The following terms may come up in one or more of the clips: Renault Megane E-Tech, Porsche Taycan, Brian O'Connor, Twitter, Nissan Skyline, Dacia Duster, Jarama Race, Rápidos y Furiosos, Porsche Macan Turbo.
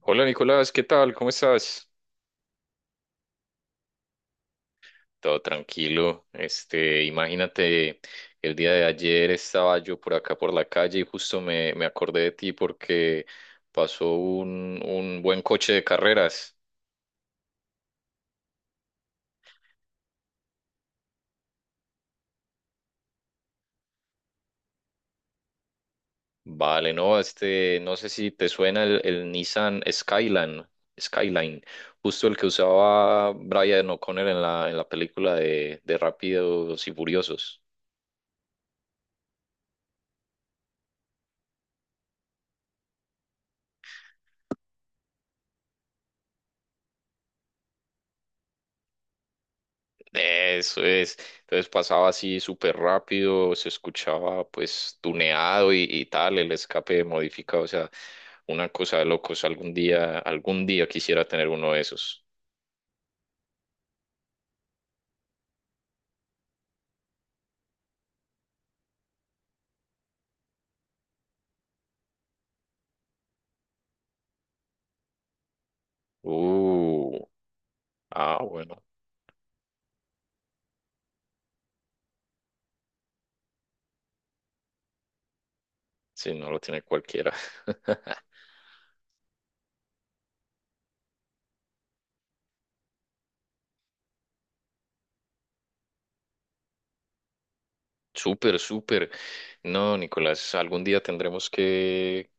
Hola Nicolás, ¿qué tal? ¿Cómo estás? Todo tranquilo. Este, imagínate, el día de ayer estaba yo por acá por la calle y justo me acordé de ti porque pasó un buen coche de carreras. Vale, no, este, no sé si te suena el Nissan Skyline, Skyline, justo el que usaba Brian O'Connor en la película de Rápidos y Furiosos. Eso es. Entonces pasaba así súper rápido, se escuchaba pues tuneado y tal, el escape modificado, o sea, una cosa de locos. Algún día quisiera tener uno de esos. Uh, ah, bueno, sí, no lo tiene cualquiera. Súper, súper. No, Nicolás, algún día tendremos que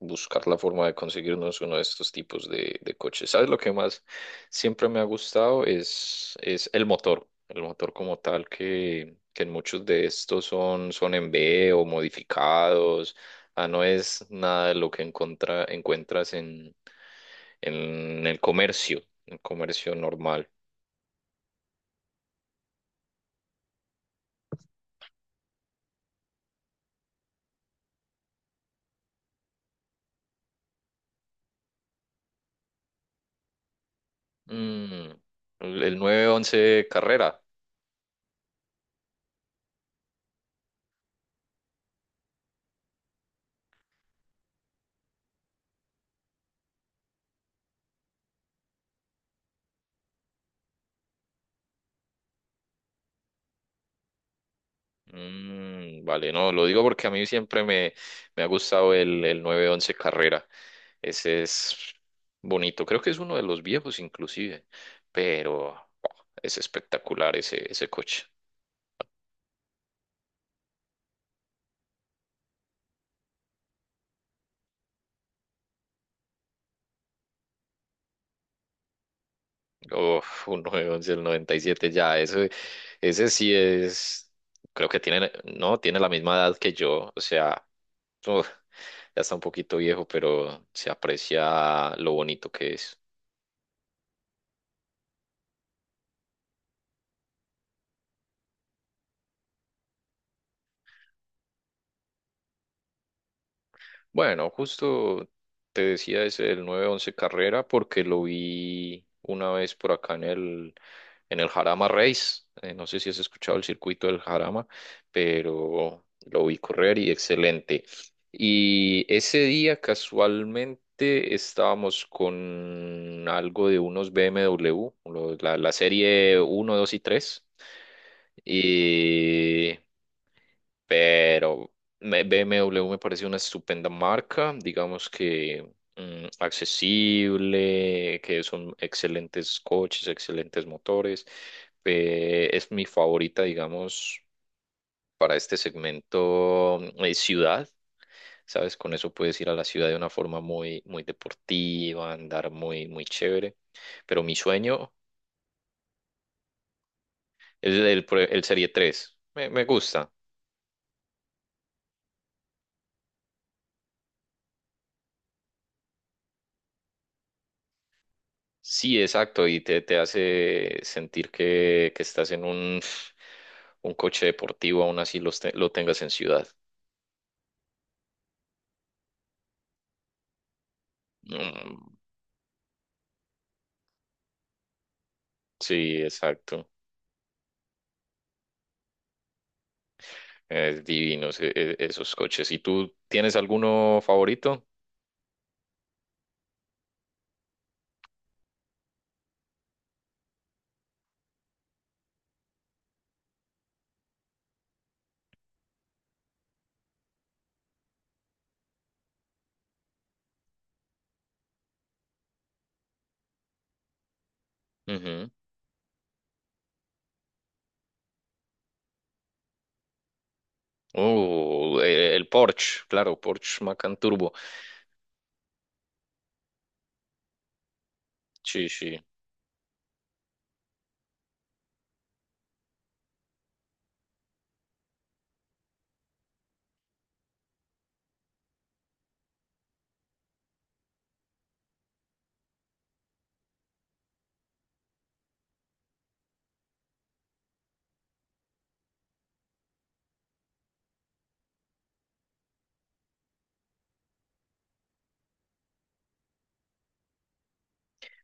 buscar la forma de conseguirnos uno de estos tipos de coches. ¿Sabes lo que más siempre me ha gustado? Es el motor como tal que en muchos de estos son en B o modificados. Ah, no es nada de lo que encuentras en el comercio, en el comercio normal. Mm, el 911 Carrera. Mm, vale, no, lo digo porque a mí siempre me ha gustado el 911 Carrera. Ese es bonito, creo que es uno de los viejos inclusive, pero oh, es espectacular ese coche. Uf, un 911 del 97 ya, ese sí es, creo que tiene, no, tiene la misma edad que yo, o sea, uf, ya está un poquito viejo, pero se aprecia lo bonito que es. Bueno, justo te decía es el 911 carrera porque lo vi una vez por acá en el Jarama Race. No sé si has escuchado el circuito del Jarama, pero lo vi correr y excelente. Y ese día casualmente estábamos con algo de unos BMW, la serie 1, 2 y 3 y pero BMW me parece una estupenda marca, digamos que accesible, que son excelentes coches, excelentes motores. Es mi favorita, digamos, para este segmento ciudad. ¿Sabes? Con eso puedes ir a la ciudad de una forma muy, muy deportiva, andar muy, muy chévere. Pero mi sueño es el Serie 3. Me gusta. Sí, exacto, y te hace sentir que estás en un coche deportivo, aún así lo tengas en ciudad. Mm, sí, exacto. Es divino esos coches. ¿Y tú tienes alguno favorito? Ujú. El Porsche, claro, Porsche Macan Turbo. Sí, sí.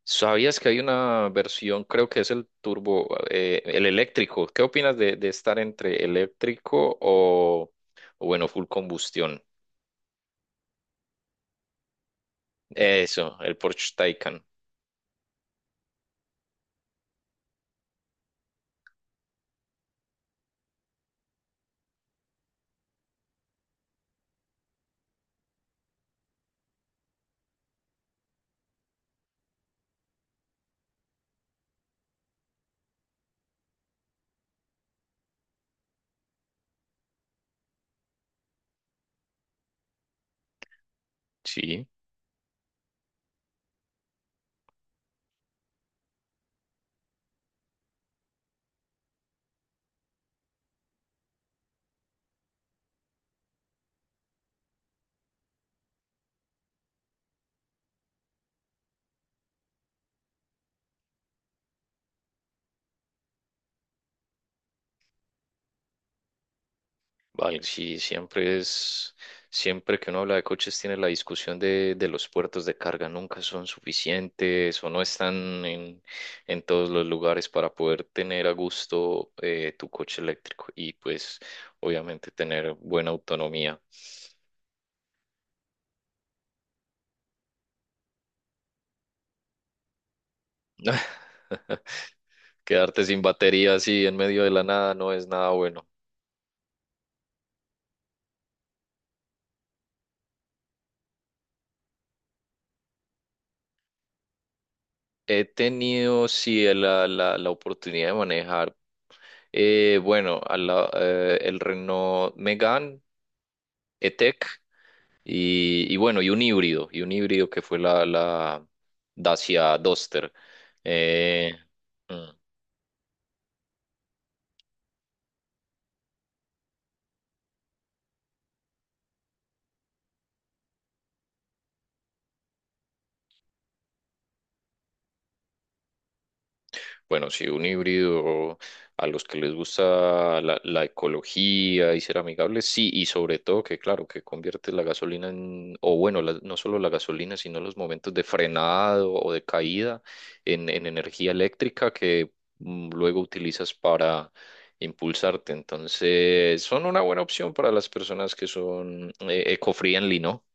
¿Sabías que hay una versión, creo que es el turbo, el eléctrico? ¿Qué opinas de estar entre eléctrico o, bueno, full combustión? Eso, el Porsche Taycan. Sí, vale, sí, siempre siempre que uno habla de coches tiene la discusión de los puertos de carga, nunca son suficientes o no están en todos los lugares para poder tener a gusto tu coche eléctrico y pues obviamente tener buena autonomía. Quedarte sin batería así en medio de la nada no es nada bueno. He tenido, sí, la oportunidad de manejar, bueno, el Renault Megane E-Tech y bueno, y un híbrido que fue la Dacia Duster. Eh, mm. Bueno, sí, un híbrido a los que les gusta la ecología y ser amigables, sí, y sobre todo que, claro, que convierte la gasolina en, o bueno, no solo la gasolina, sino los momentos de frenado o de caída en energía eléctrica que luego utilizas para impulsarte. Entonces, son una buena opción para las personas que son eco-friendly, ¿no?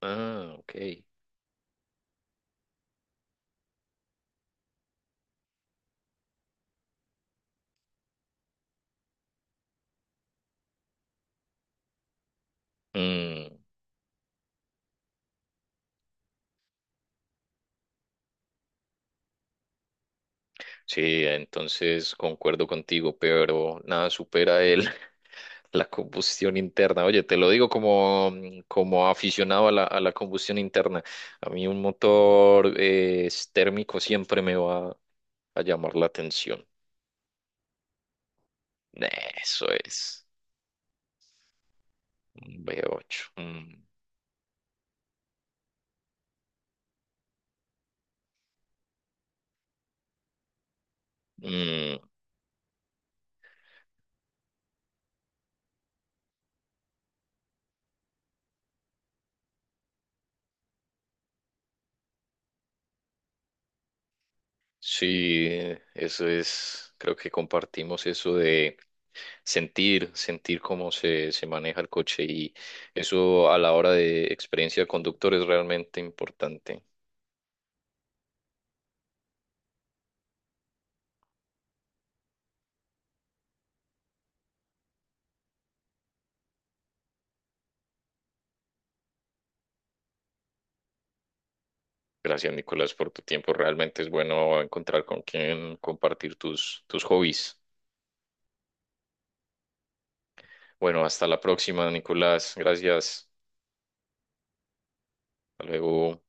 Ah, ok. Mm, sí, entonces concuerdo contigo, pero nada supera la combustión interna. Oye, te lo digo como aficionado a la combustión interna. A mí un motor térmico siempre me va a llamar la atención. Eso es. Un V8. Mm. Mm. Sí, eso es, creo que compartimos eso de sentir, sentir cómo se maneja el coche y eso a la hora de experiencia de conductor es realmente importante. Gracias, Nicolás, por tu tiempo. Realmente es bueno encontrar con quien compartir tus hobbies. Bueno, hasta la próxima, Nicolás. Gracias. Hasta luego.